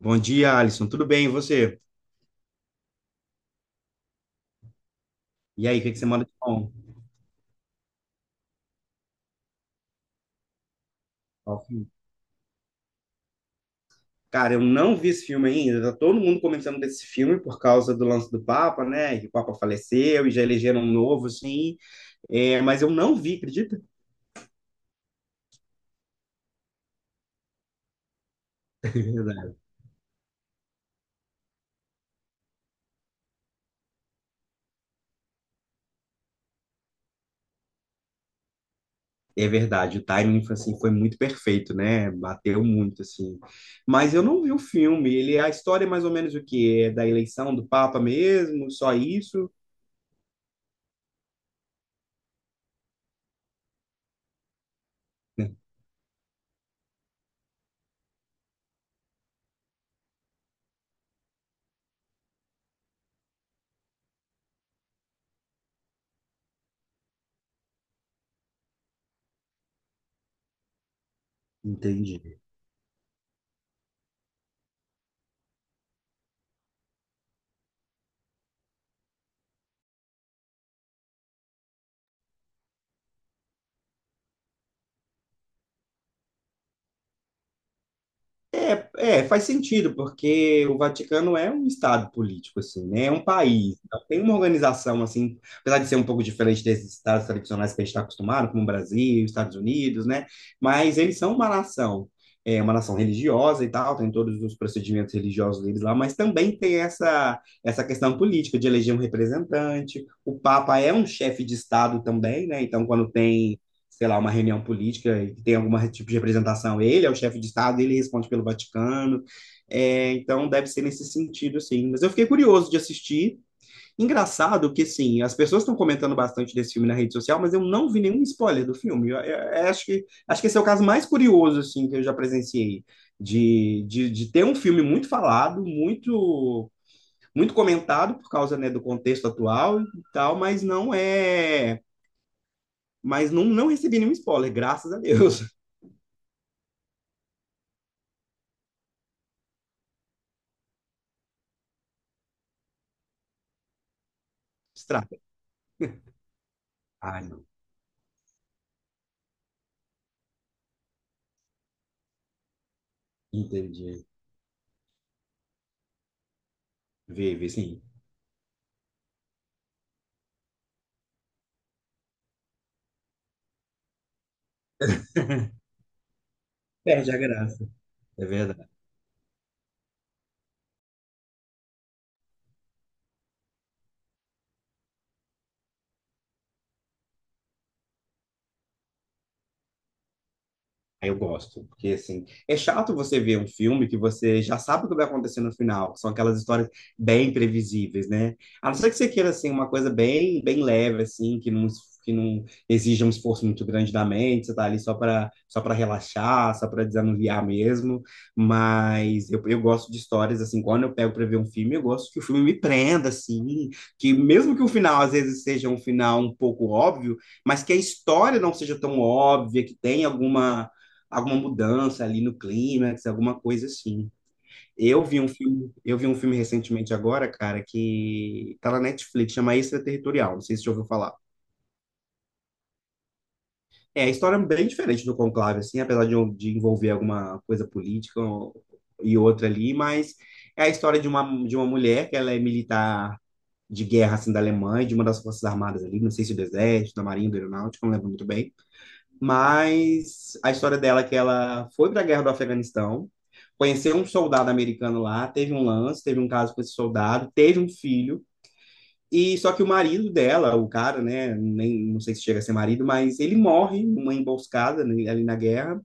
Bom dia, Alisson. Tudo bem, e você? E aí, o que que você manda de bom? Qual filme? Cara, eu não vi esse filme ainda. Tá todo mundo comentando desse filme por causa do lance do Papa, né? Que o Papa faleceu e já elegeram um novo, assim. É, mas eu não vi, acredita? É verdade. É verdade, o timing foi, assim, foi muito perfeito, né? Bateu muito, assim. Mas eu não vi o filme. Ele, a história é mais ou menos o quê? É da eleição do Papa mesmo? Só isso? Entendi. É, é, faz sentido, porque o Vaticano é um estado político, assim, né? É um país. Então, tem uma organização, assim, apesar de ser um pouco diferente desses estados tradicionais que a gente está acostumado, como o Brasil, Estados Unidos, né? Mas eles são uma nação, é uma nação religiosa e tal, tem todos os procedimentos religiosos deles lá, mas também tem essa, essa questão política de eleger um representante. O Papa é um chefe de estado também, né? Então, quando tem sei lá, uma reunião política e que tem algum tipo de representação. Ele é o chefe de Estado, ele responde pelo Vaticano. É, então deve ser nesse sentido, assim. Mas eu fiquei curioso de assistir. Engraçado que, assim, as pessoas estão comentando bastante desse filme na rede social, mas eu não vi nenhum spoiler do filme. Eu, eu acho que esse é o caso mais curioso, assim, que eu já presenciei. De ter um filme muito falado, muito muito comentado por causa, né, do contexto atual e tal, mas não é, mas não, não recebi nenhum spoiler, graças a Deus. Estraga. Ai, não. Entendi. Vive, sim. Perde a graça. É verdade. Aí eu gosto, porque assim, é chato você ver um filme que você já sabe o que vai acontecer no final, que são aquelas histórias bem previsíveis, né? A não ser que você queira assim uma coisa bem, bem leve assim, que não exija um esforço muito grande da mente, você tá ali só para relaxar, só para desanuviar mesmo, mas eu gosto de histórias assim, quando eu pego para ver um filme, eu gosto que o filme me prenda assim, que mesmo que o final às vezes seja um final um pouco óbvio, mas que a história não seja tão óbvia, que tenha alguma alguma mudança ali no clímax, alguma coisa assim. Eu vi um filme recentemente agora, cara, que tá na Netflix, chama Extraterritorial, não sei se você já ouviu falar. É, a história é bem diferente do Conclave, assim, apesar de envolver alguma coisa política e outra ali, mas é a história de uma mulher que ela é militar de guerra, assim, da Alemanha, de uma das forças armadas ali, não sei se do exército, da marinha, da aeronáutica, não lembro muito bem. Mas a história dela é que ela foi para a guerra do Afeganistão, conheceu um soldado americano lá, teve um lance, teve um caso com esse soldado, teve um filho. E só que o marido dela, o cara, né, nem não sei se chega a ser marido, mas ele morre numa emboscada né, ali na guerra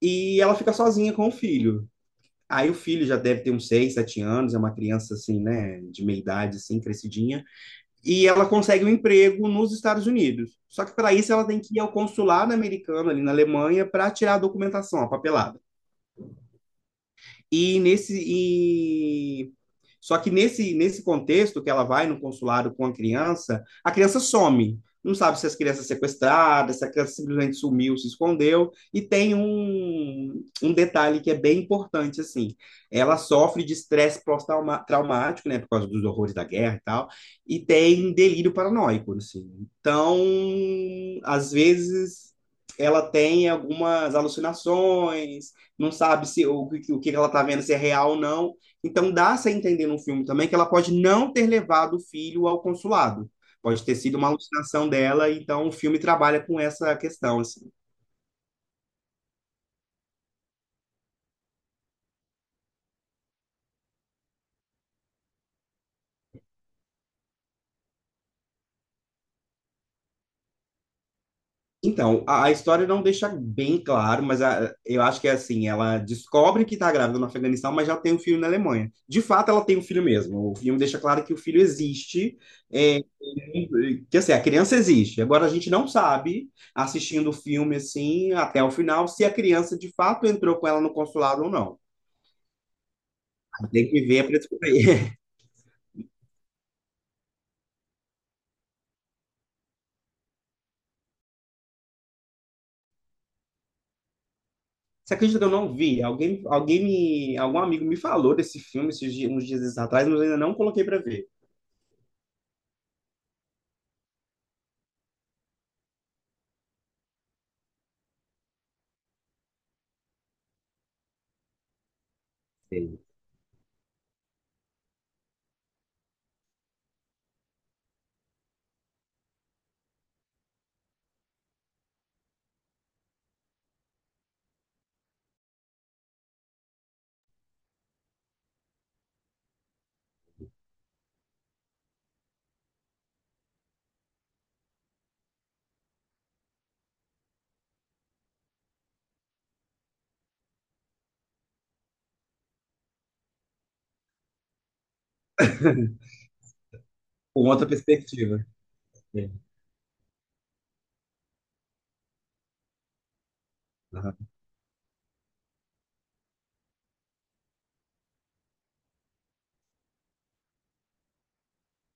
e ela fica sozinha com o filho. Aí o filho já deve ter uns 6 7 anos, é uma criança assim, né, de meia idade assim, crescidinha e ela consegue um emprego nos Estados Unidos. Só que para isso ela tem que ir ao consulado americano ali na Alemanha para tirar a documentação, a papelada. E nesse e só que nesse, nesse contexto que ela vai no consulado com a criança some. Não sabe se as crianças sequestradas, se a criança simplesmente sumiu, se escondeu. E tem um, um detalhe que é bem importante, assim. Ela sofre de estresse pós-traumático, né? Por causa dos horrores da guerra e tal. E tem delírio paranoico, assim. Então, às vezes, ela tem algumas alucinações, não sabe se o, o que ela está vendo se é real ou não, então dá-se a entender no filme também que ela pode não ter levado o filho ao consulado. Pode ter sido uma alucinação dela, então o filme trabalha com essa questão, assim. Então, a história não deixa bem claro, mas a- eu acho que é assim, ela descobre que está grávida no Afeganistão, mas já tem um filho na Alemanha. De fato, ela tem um filho mesmo. O filme deixa claro que o filho existe, é, que assim, a criança existe. Agora a gente não sabe, assistindo o filme assim, até o final, se a criança de fato entrou com ela no consulado ou não. Tem que ver pra descobrir. Você acredita que eu não vi? Alguém, alguém me, algum amigo me falou desse filme uns dias atrás, mas eu ainda não coloquei pra ver. Sei. Com outra perspectiva. Sei.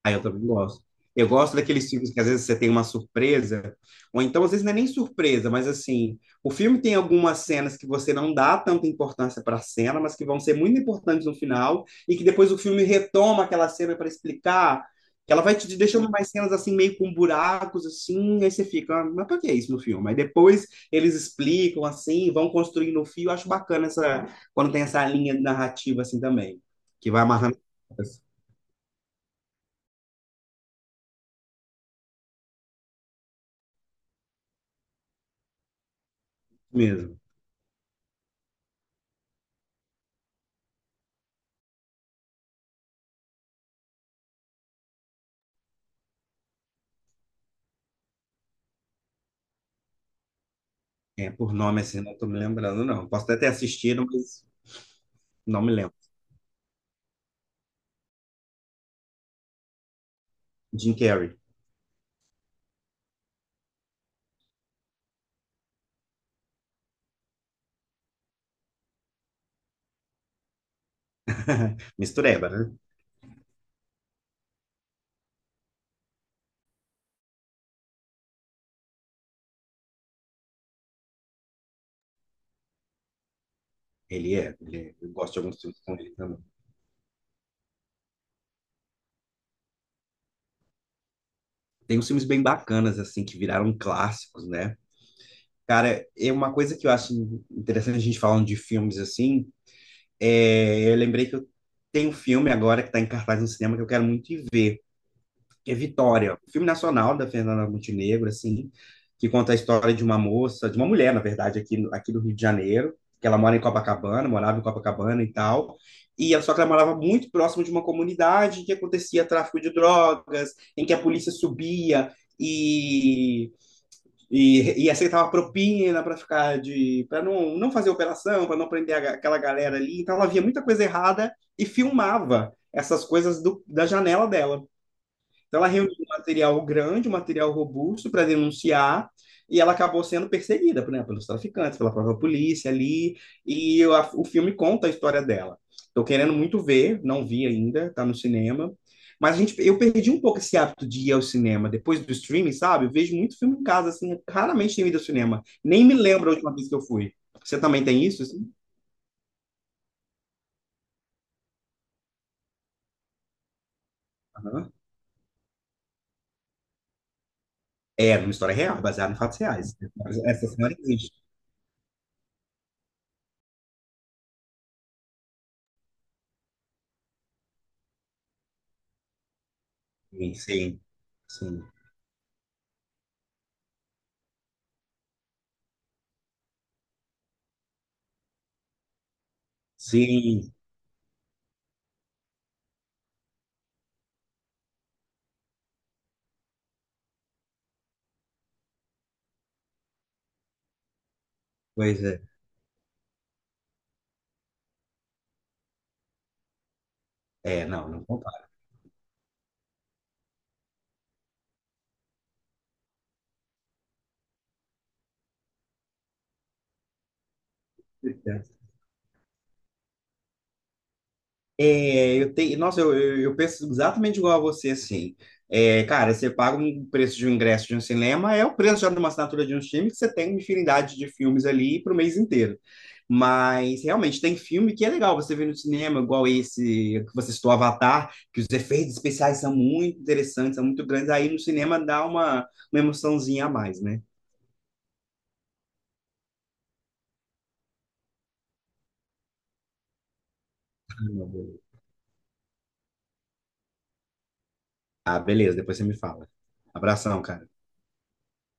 Ah, eu também gosto. Eu gosto daqueles filmes que às vezes você tem uma surpresa, ou então às vezes não é nem surpresa, mas assim, o filme tem algumas cenas que você não dá tanta importância para a cena, mas que vão ser muito importantes no final, e que depois o filme retoma aquela cena para explicar, que ela vai te deixando mais cenas assim, meio com buracos, assim, aí você fica, "Ah, mas para que é isso no filme?" Aí depois eles explicam, assim, vão construindo o fio, eu acho bacana essa, quando tem essa linha narrativa assim também, que vai amarrando as pontas mesmo. É, por nome assim, não tô me lembrando, não. Posso até ter assistido, mas não me lembro. Jim Carrey. Mistureba, né? Ele é, ele é. Eu gosto de alguns filmes com ele também. Tem uns filmes bem bacanas, assim, que viraram clássicos, né? Cara, é uma coisa que eu acho interessante a gente falando de filmes assim, é, eu lembrei que eu tenho um filme agora que tá em cartaz no cinema que eu quero muito que é Vitória, um filme nacional da Fernanda Montenegro, assim, que conta a história de uma moça, de uma mulher, na verdade, aqui, aqui do Rio de Janeiro, que ela mora em Copacabana, morava em Copacabana e tal, só que ela morava muito próximo de uma comunidade em que acontecia tráfico de drogas, em que a polícia subia e e aceitava propina para ficar de para não, não fazer operação, para não prender a aquela galera ali, então ela via muita coisa errada e filmava essas coisas do, da janela dela. Então, ela reuniu um material grande, um material robusto para denunciar, e ela acabou sendo perseguida, por exemplo, pelos traficantes, pela própria polícia ali, e o, o filme conta a história dela. Estou querendo muito ver, não vi ainda, está no cinema. Mas a gente, eu perdi um pouco esse hábito de ir ao cinema depois do streaming, sabe? Eu vejo muito filme em casa, assim, raramente tenho ido ao cinema. Nem me lembro a última vez que eu fui. Você também tem isso? Assim? Aham. É, uma história real, baseada em fatos reais. Essa senhora existe. Sim, sim. Sim, sim. Pois é. É, não, não compara. É, eu tenho, nossa, eu, eu penso exatamente igual a você, assim. É, cara, você paga um preço de um ingresso de um cinema, é o preço já de uma assinatura de um filme que você tem uma infinidade de filmes ali para o mês inteiro. Mas realmente tem filme que é legal você ver no cinema, igual esse que você citou, Avatar, que os efeitos especiais são muito interessantes, são muito grandes. Aí no cinema dá uma emoçãozinha a mais, né? Ah, beleza, depois você me fala. Abração, cara.